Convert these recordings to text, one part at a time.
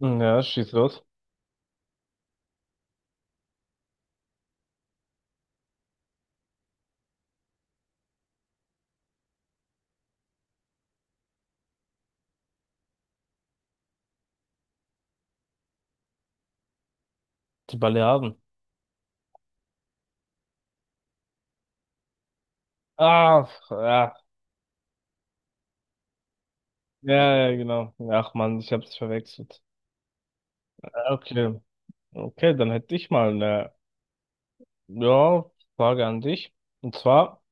Ja, schieß los. Die Balearen. Ah, ja. Ja, ja, genau. Ach Mann, ich hab's verwechselt. Ah, okay. Okay, dann hätte ich mal eine, ja, Frage an dich. Und zwar,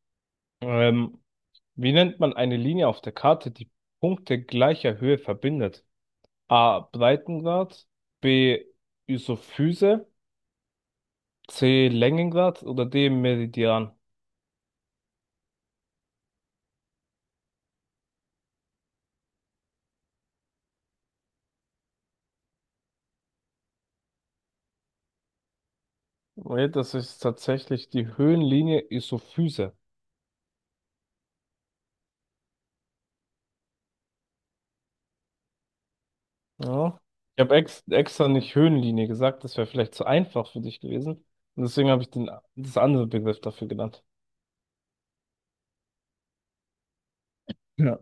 ähm, wie nennt man eine Linie auf der Karte, die Punkte gleicher Höhe verbindet? A. Breitengrad, B. Isophyse, C. Längengrad oder D. Meridian? Nee, das ist tatsächlich die Höhenlinie Isophyse. Ja. Ich habe ex extra nicht Höhenlinie gesagt, das wäre vielleicht zu einfach für dich gewesen. Und deswegen habe ich das andere Begriff dafür genannt. Ja.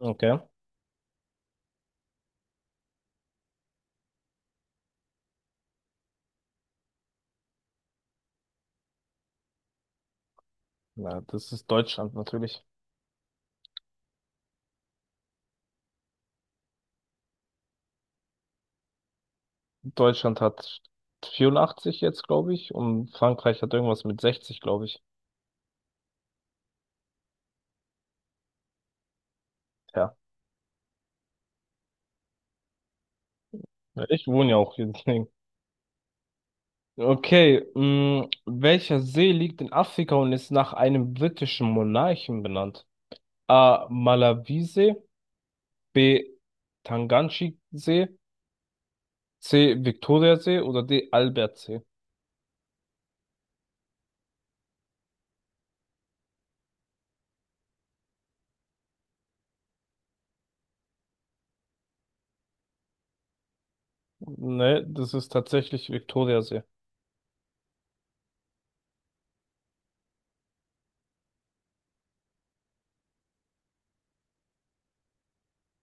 Okay. Na, das ist Deutschland natürlich. Deutschland hat 84 jetzt, glaube ich, und Frankreich hat irgendwas mit 60, glaube ich. Ja. Ja, ich wohne ja auch hier, deswegen. Okay, mh, welcher See liegt in Afrika und ist nach einem britischen Monarchen benannt? A. Malawisee, B. Tanganschi-See, C. Viktoriasee oder D. Albertsee? Ne, das ist tatsächlich Viktoriasee.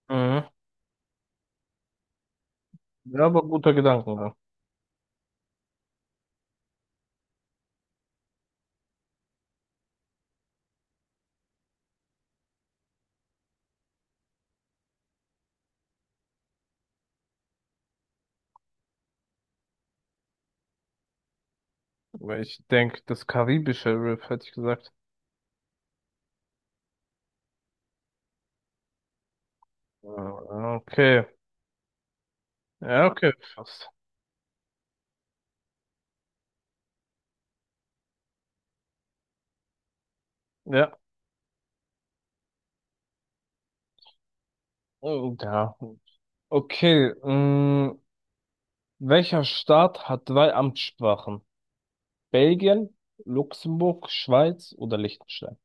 Mhm. Ja, aber guter Gedankengang. Weil ich denke, das karibische Riff hätte ich gesagt. Ah, okay. Ja, okay, fast. Ja. Oh, ja. Okay, mh, welcher Staat hat 3 Amtssprachen? Belgien, Luxemburg, Schweiz oder Liechtenstein?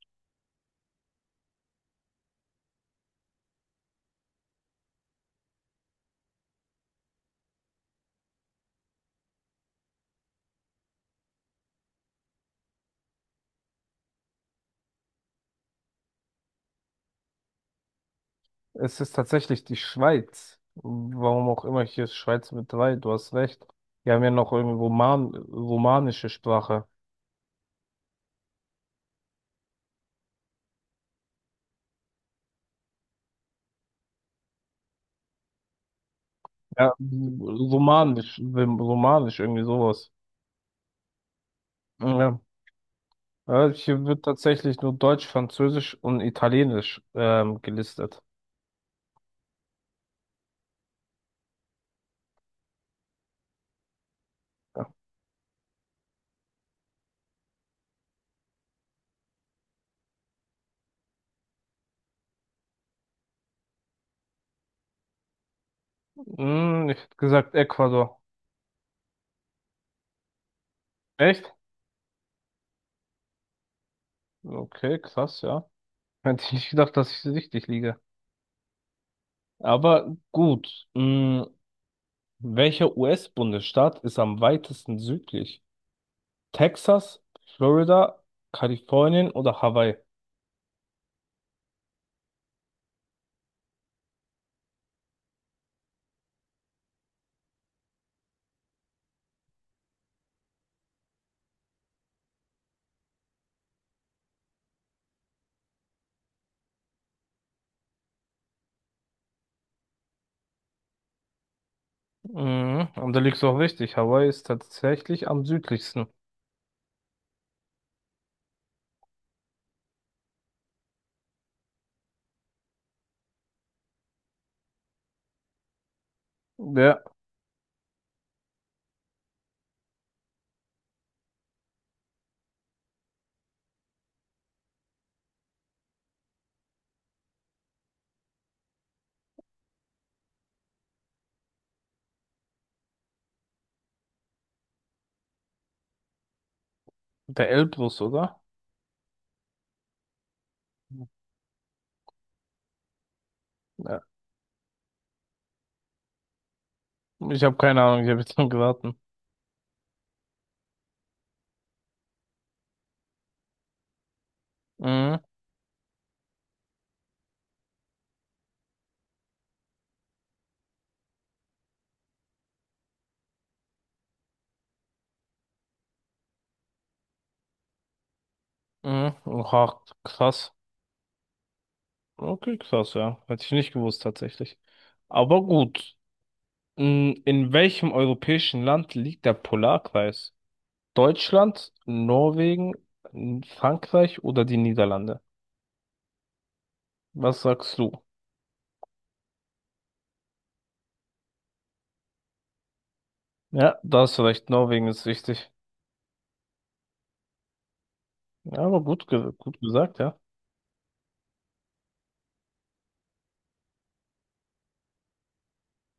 Es ist tatsächlich die Schweiz. Warum auch immer, hier ist Schweiz mit 3, du hast recht. Wir haben ja noch irgendwie romanische Sprache. Ja, romanisch, romanisch, irgendwie sowas. Ja. Ja, hier wird tatsächlich nur Deutsch, Französisch und Italienisch gelistet. Ja. Hm, ich hätte gesagt Ecuador. Echt? Okay, krass, ja. Hätte ich nicht gedacht, dass ich richtig liege. Aber gut. Hm, welcher US-Bundesstaat ist am weitesten südlich? Texas, Florida, Kalifornien oder Hawaii? Mhm, und da liegst du auch richtig. Hawaii ist tatsächlich am südlichsten. Der, Der Elbrus, oder? Ja. Ich habe keine Ahnung, ich habe jetzt nur geraten. Mhm, mhm. Oha, krass. Okay, krass, ja. Hätte ich nicht gewusst, tatsächlich. Aber gut. Mhm, in welchem europäischen Land liegt der Polarkreis? Deutschland, Norwegen, Frankreich oder die Niederlande? Was sagst du? Ja, da hast du recht, Norwegen ist wichtig. Ja, aber gut, ge gut gesagt, ja.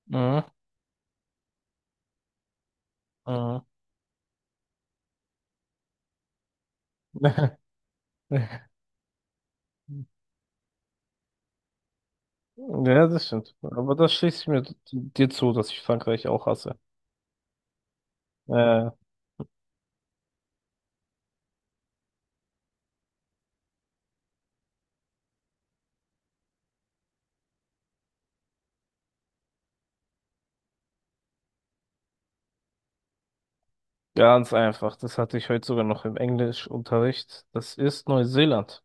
Mhm. Mhm. Ja, das stimmt. Aber das schließe ich mir dir zu, dass ich Frankreich auch hasse. Äh, ganz einfach. Das hatte ich heute sogar noch im Englischunterricht. Das ist Neuseeland.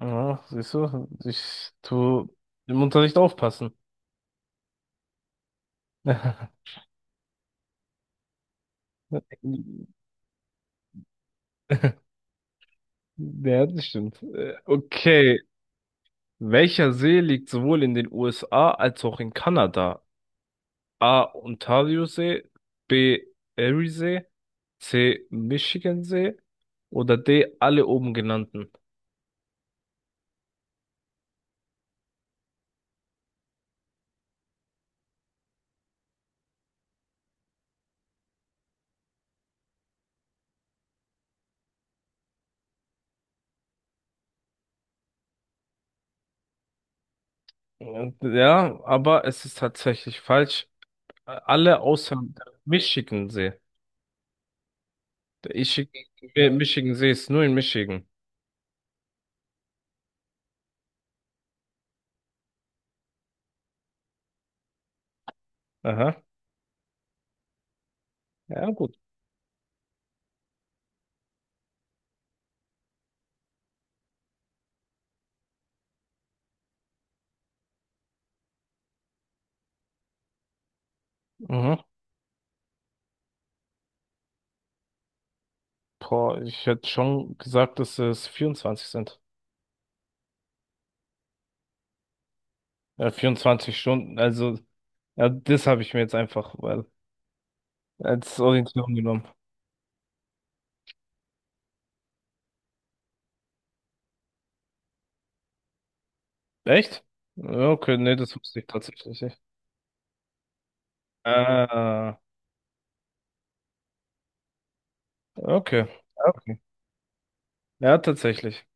Ja, siehst du, ich tu im Unterricht aufpassen. Ja, das stimmt. Okay. Welcher See liegt sowohl in den USA als auch in Kanada? A. Ontariosee, B. Eriesee, C. Michigansee oder D. alle oben genannten. Ja, aber es ist tatsächlich falsch. Alle außer der Michigansee. Der Ichi- Michigansee ist nur in Michigan. Aha. Ja, gut. Mhm. Boah, ich hätte schon gesagt, dass es 24 sind. Ja, 24 Stunden. Also, ja, das habe ich mir jetzt einfach als Orientierung genommen. Echt? Ja, okay, nee, das wusste ich tatsächlich nicht. Ah, okay. Okay. Ja, tatsächlich.